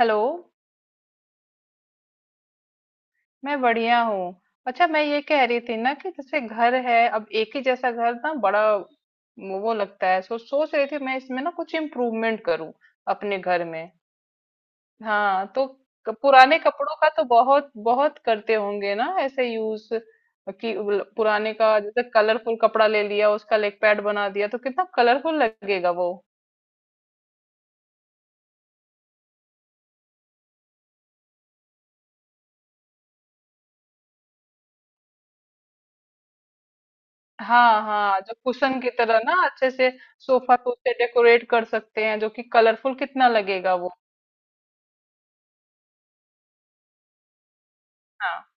Hello. मैं बढ़िया हूँ। अच्छा, मैं ये कह रही थी ना कि जैसे घर है, अब एक ही जैसा घर ना बड़ा वो लगता है, सोच रही थी मैं इसमें ना कुछ इम्प्रूवमेंट करूँ अपने घर में। हाँ तो पुराने कपड़ों का तो बहुत बहुत करते होंगे ना ऐसे यूज कि वो पुराने का जैसे कलरफुल कपड़ा ले लिया, उसका लेग पैड बना दिया तो कितना कलरफुल लगेगा वो। हाँ हाँ, जो कुशन की तरह ना अच्छे से सोफा को उससे डेकोरेट कर सकते हैं, जो कि कलरफुल कितना लगेगा। हाँ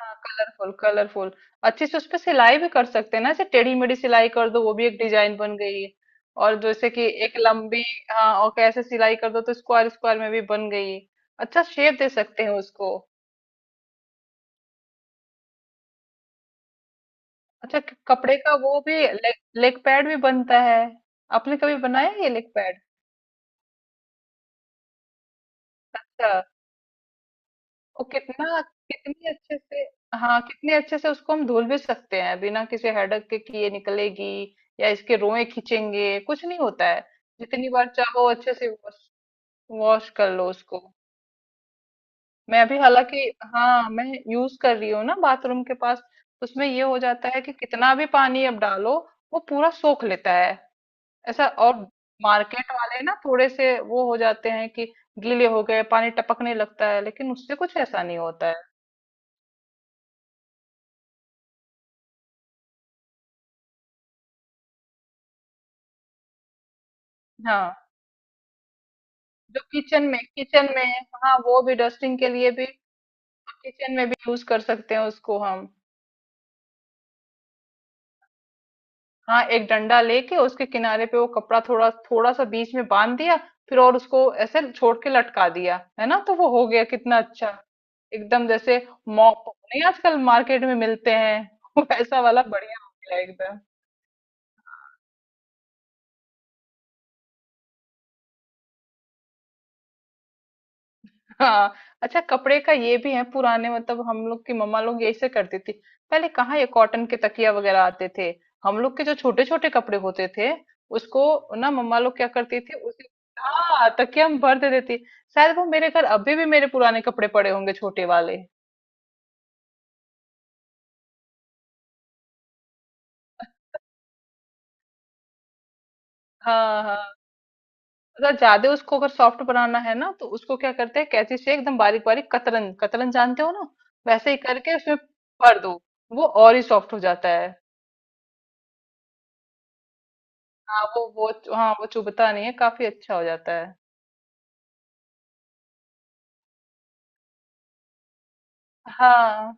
हाँ, कलरफुल कलरफुल अच्छे से उस पे सिलाई भी कर सकते हैं ना, ऐसे टेढ़ी मेढ़ी सिलाई कर दो, वो भी एक डिजाइन बन गई। और जैसे कि एक लंबी, हाँ और कैसे सिलाई कर दो तो स्क्वायर स्क्वायर में भी बन गई, अच्छा शेप दे सकते हैं उसको। अच्छा, कपड़े का वो भी लेग लेग पैड भी बनता है, आपने कभी बनाया है ये लेग पैड? अच्छा, और कितना, कितने अच्छे से, हाँ कितने अच्छे से उसको हम धुल भी सकते हैं बिना किसी हेडक के कि ये निकलेगी या इसके रोए खींचेंगे, कुछ नहीं होता है। जितनी बार चाहो अच्छे से वॉश वॉश कर लो उसको। मैं अभी हालांकि, हाँ मैं यूज कर रही हूँ ना बाथरूम के पास, तो उसमें ये हो जाता है कि कितना भी पानी अब डालो वो पूरा सोख लेता है ऐसा। और मार्केट वाले ना थोड़े से वो हो जाते हैं कि गीले हो गए पानी टपकने लगता है, लेकिन उससे कुछ ऐसा नहीं होता है। हाँ, जो किचन में हाँ, वो भी डस्टिंग के लिए भी, किचन में भी यूज कर सकते हैं उसको हम। हाँ, एक डंडा लेके उसके किनारे पे वो कपड़ा थोड़ा थोड़ा सा बीच में बांध दिया, फिर और उसको ऐसे छोड़ के लटका दिया है ना, तो वो हो गया कितना अच्छा एकदम जैसे मॉप, नहीं आजकल मार्केट में मिलते हैं। वैसा वाला बढ़िया हो गया एकदम। हाँ। अच्छा, कपड़े का ये भी है, पुराने मतलब हम लोग की मम्मा लोग ऐसे करती थी, पहले कहाँ ये कॉटन के तकिया वगैरह आते थे। हम लोग के जो छोटे छोटे कपड़े होते थे उसको ना मम्मा लोग क्या करती थी उसे, हाँ तकिया हम भर दे देती थी। शायद वो मेरे घर अभी भी मेरे पुराने कपड़े पड़े होंगे छोटे वाले। हाँ हाँ, अगर ज्यादा उसको अगर सॉफ्ट बनाना है ना तो उसको क्या करते हैं, कैंची से एकदम बारीक बारीक कतरन कतरन जानते हो ना, वैसे ही करके उसमें भर दो, वो और ही सॉफ्ट हो जाता है। हाँ वो हाँ वो चुभता नहीं है, काफी अच्छा हो जाता है। हाँ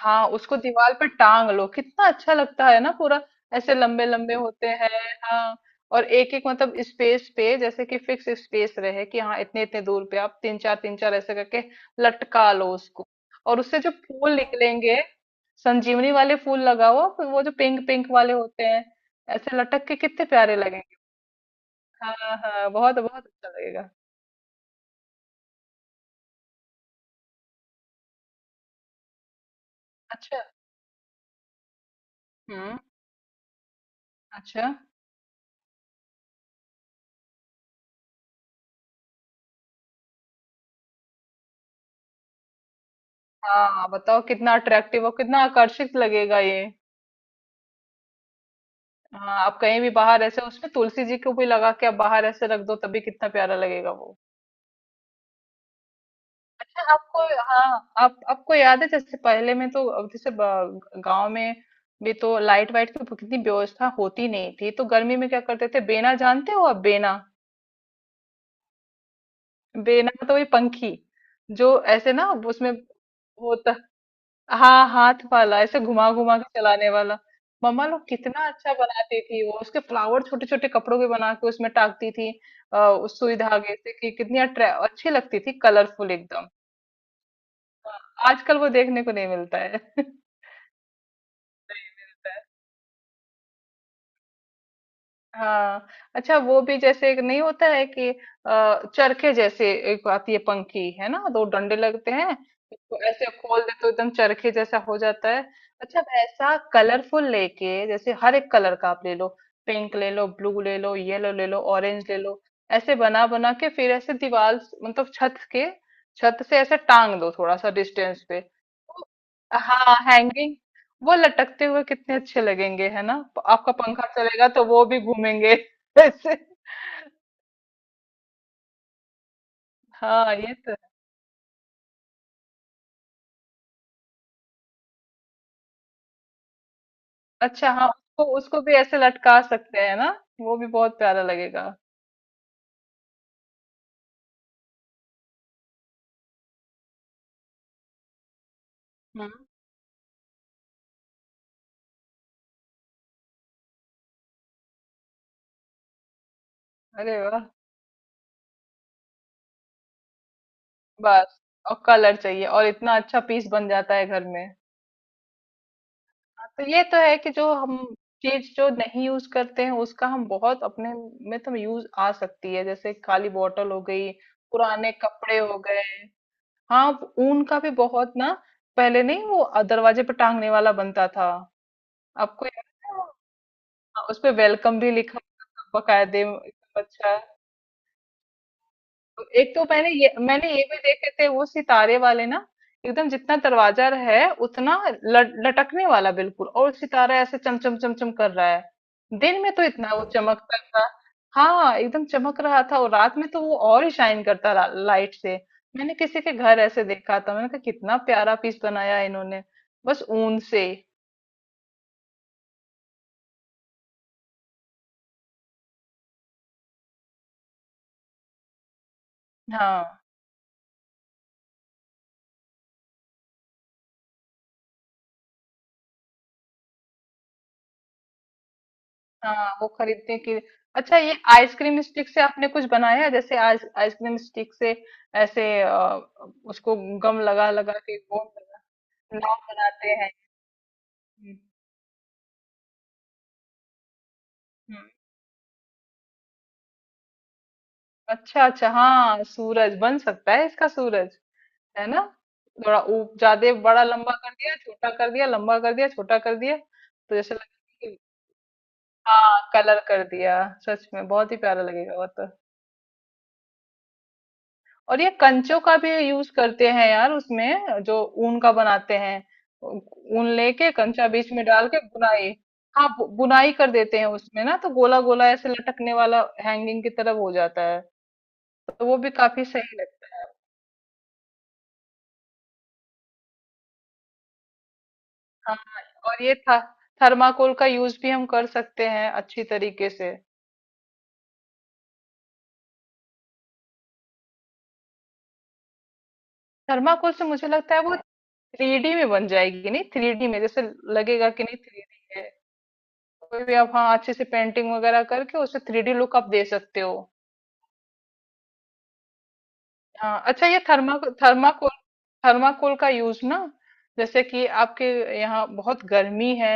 हाँ, उसको दीवार पर टांग लो कितना अच्छा लगता है ना पूरा, ऐसे लंबे लंबे होते हैं। हाँ, और एक एक मतलब स्पेस पे जैसे कि फिक्स स्पेस रहे कि हाँ इतने इतने दूर पे आप तीन चार ऐसे करके लटका लो उसको। और उससे जो फूल निकलेंगे, संजीवनी वाले फूल लगाओ फिर, वो जो पिंक पिंक वाले होते हैं ऐसे लटक के कितने प्यारे लगेंगे। हाँ हाँ, बहुत बहुत अच्छा लगेगा। अच्छा। हम्म। अच्छा, हाँ बताओ कितना अट्रैक्टिव और कितना आकर्षित लगेगा ये। हाँ, आप कहीं भी बाहर ऐसे उसमें तुलसी जी को भी लगा के आप बाहर ऐसे रख दो तभी कितना प्यारा लगेगा वो। अच्छा आपको, हाँ आप आपको याद है जैसे पहले में, तो अब जैसे गांव में भी तो लाइट वाइट की कितनी व्यवस्था होती नहीं थी तो गर्मी में क्या करते थे बेना, जानते हो आप बेना? बेना तो वही पंखी जो ऐसे ना उसमें होता, हाँ हाथ वाला ऐसे घुमा घुमा के चलाने वाला। मम्मा लोग कितना अच्छा बनाती थी, वो उसके फ्लावर छोटे छोटे कपड़ों के बना के उसमें टाकती थी उस सुई धागे से कि कितनी अट्रै अच्छी लगती थी कलरफुल एकदम। आजकल वो देखने को नहीं मिलता है। नहीं मिलता है। हाँ, अच्छा वो भी जैसे एक नहीं होता है कि चरखे जैसे एक आती है पंखी है ना, दो डंडे लगते हैं, इसको ऐसे खोल दे तो एकदम चरखे जैसा हो जाता है। अच्छा, वैसा कलरफुल लेके जैसे हर एक कलर का आप ले लो, पिंक ले लो, ब्लू ले लो, येलो ले लो, ऑरेंज ले लो, ऐसे बना बना के फिर ऐसे मतलब छत के, छत से ऐसे टांग दो थोड़ा सा डिस्टेंस पे तो, हाँ हैंगिंग वो लटकते हुए कितने अच्छे लगेंगे, है ना, आपका पंखा चलेगा तो वो भी घूमेंगे ऐसे। हाँ ये तो है। अच्छा हाँ, उसको उसको भी ऐसे लटका सकते हैं ना, वो भी बहुत प्यारा लगेगा। हम्म। अरे वाह! बस और कलर चाहिए, और इतना अच्छा पीस बन जाता है घर में। हाँ, तो ये तो है कि जो हम चीज जो नहीं यूज करते हैं उसका हम बहुत अपने में तो यूज आ सकती है, जैसे काली बॉटल हो गई, पुराने कपड़े हो गए। हाँ, वो ऊन का भी बहुत ना, पहले नहीं वो दरवाजे पे टांगने वाला बनता था, आपको याद है वो? हाँ, उस पे वेलकम भी लिखा होता था बकायदे एकदम अच्छा। एक तो मैंने ये भी देखे थे वो सितारे वाले ना, एकदम जितना दरवाजा है उतना लटकने वाला बिल्कुल, और सितारा ऐसे चमचम चमचम कर रहा है, दिन में तो इतना वो चमकता था, हाँ एकदम चमक रहा था, और रात में तो वो और ही शाइन करता लाइट से। मैंने किसी के घर ऐसे देखा था, मैंने कहा कितना प्यारा पीस बनाया है इन्होंने बस ऊन से। हाँ हाँ वो खरीदने के लिए। अच्छा, ये आइसक्रीम स्टिक से आपने कुछ बनाया है, जैसे आइसक्रीम स्टिक से ऐसे उसको गम लगा लगा के, गोंद लगा नाव बनाते हैं। हम्म। हम्म। अच्छा अच्छा, हाँ सूरज बन सकता है इसका, सूरज है ना थोड़ा ऊप ज्यादा बड़ा लंबा कर दिया छोटा कर दिया लंबा कर दिया छोटा कर दिया तो जैसे लगेगा कि, हाँ कलर कर दिया, सच में बहुत ही प्यारा लगेगा वो तो। और ये कंचों का भी यूज करते हैं यार उसमें, जो ऊन का बनाते हैं ऊन लेके कंचा बीच में डाल के बुनाई, हाँ बुनाई कर देते हैं उसमें ना, तो गोला गोला ऐसे लटकने वाला हैंगिंग की तरफ हो जाता है, तो वो भी काफी सही लगता है। हाँ, और ये था थर्माकोल का यूज भी हम कर सकते हैं अच्छी तरीके से। थर्माकोल से मुझे लगता है वो थ्री डी में बन जाएगी, नहीं थ्री डी में जैसे लगेगा कि नहीं थ्री डी है, कोई भी आप हाँ अच्छे से पेंटिंग वगैरह करके उसे थ्री डी लुक आप दे सकते हो। हाँ अच्छा, ये थर्माकोल थर्माकोल का यूज ना, जैसे कि आपके यहाँ बहुत गर्मी है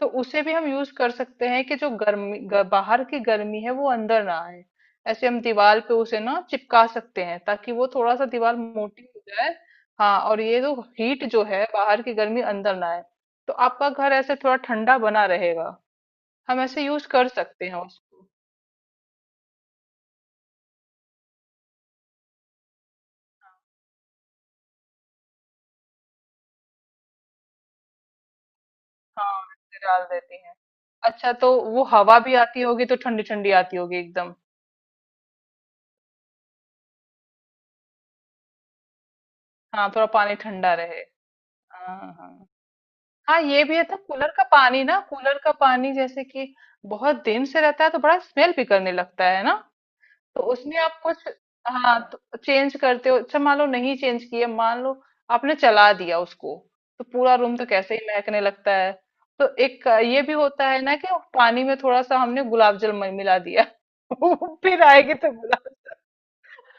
तो उसे भी हम यूज कर सकते हैं कि जो बाहर की गर्मी है वो अंदर ना आए, ऐसे हम दीवार पे उसे ना चिपका सकते हैं ताकि वो थोड़ा सा दीवार मोटी हो जाए। हाँ, और ये जो हीट जो है बाहर की गर्मी अंदर ना आए, तो आपका घर ऐसे थोड़ा ठंडा बना रहेगा, हम ऐसे यूज कर सकते हैं उसको। हाँ मिक्सी डाल देती हैं, अच्छा तो वो हवा भी आती होगी तो ठंडी ठंडी आती होगी एकदम। हाँ थोड़ा पानी ठंडा रहे। हाँ हाँ। हाँ ये भी है, तो कूलर का पानी ना कूलर का पानी जैसे कि बहुत दिन से रहता है तो बड़ा स्मेल भी करने लगता है ना, तो उसमें आप कुछ, हाँ तो चेंज करते हो, अच्छा मान लो नहीं चेंज किए, मान लो आपने चला दिया उसको तो पूरा रूम तो कैसे ही महकने लगता है। तो एक ये भी होता है ना कि पानी में थोड़ा सा हमने गुलाब जल मिला दिया, वो फिर आएगी तो गुलाब,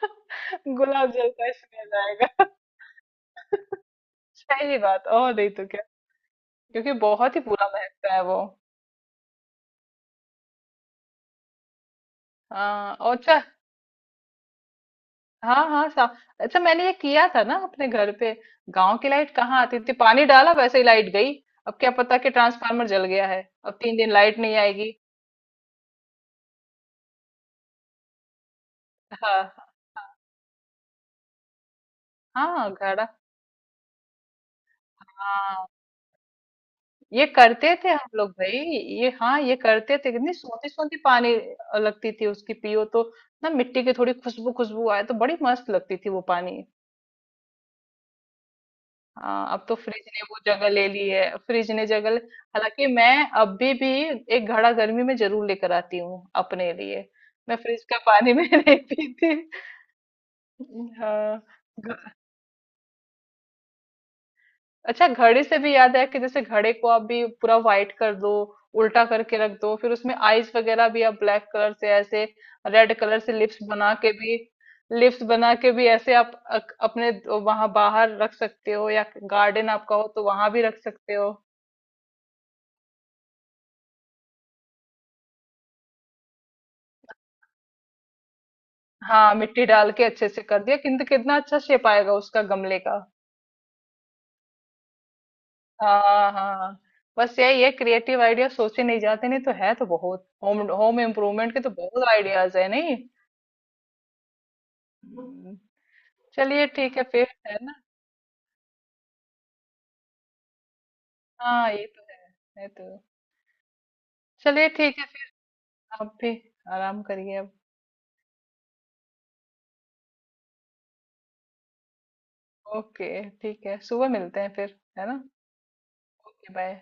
गुलाब जल का स्मेल आएगा। सही बात, और नहीं तो क्या, क्योंकि बहुत ही बुरा महकता है वो। हाँ और अच्छा, हाँ हाँ सा अच्छा मैंने ये किया था ना अपने घर पे, गांव की लाइट कहाँ आती थी, पानी डाला वैसे ही लाइट गई, अब क्या पता कि ट्रांसफार्मर जल गया है, अब तीन दिन लाइट नहीं आएगी। हाँ हाँ घड़ा, हाँ ये करते थे हम लोग भाई, ये हाँ ये करते थे, कितनी सोती सोती पानी लगती थी उसकी पियो तो, ना मिट्टी की थोड़ी खुशबू खुशबू आए तो बड़ी मस्त लगती थी वो पानी। हाँ, अब तो फ्रिज ने वो जगह ले ली है, फ्रिज ने जगह हालांकि मैं अभी भी एक घड़ा गर्मी में जरूर लेकर आती हूँ अपने लिए, मैं फ्रिज का पानी में नहीं पीती। हाँ घ- अच्छा, घड़े से भी याद है कि जैसे घड़े को आप भी पूरा व्हाइट कर दो, उल्टा करके रख दो, फिर उसमें आईज वगैरह भी आप ब्लैक कलर से ऐसे, रेड कलर से लिप्स बना के भी, लिप्स बना के भी ऐसे आप अपने वहां बाहर रख सकते हो, या गार्डन आपका हो तो वहां भी रख सकते हो। हाँ मिट्टी डाल के अच्छे से कर दिया, किंतु कितना अच्छा शेप आएगा उसका गमले का। हाँ हाँ, बस यही है क्रिएटिव आइडिया सोचे नहीं जाते, नहीं तो है तो बहुत, होम होम इम्प्रूवमेंट के तो बहुत आइडियाज है नहीं। हम्म। चलिए ठीक है फिर, है ना? हाँ ये तो है ये तो है। चलिए ठीक है फिर, आप भी आराम करिए अब। ओके ठीक है, सुबह मिलते हैं फिर, है ना? Okay bye.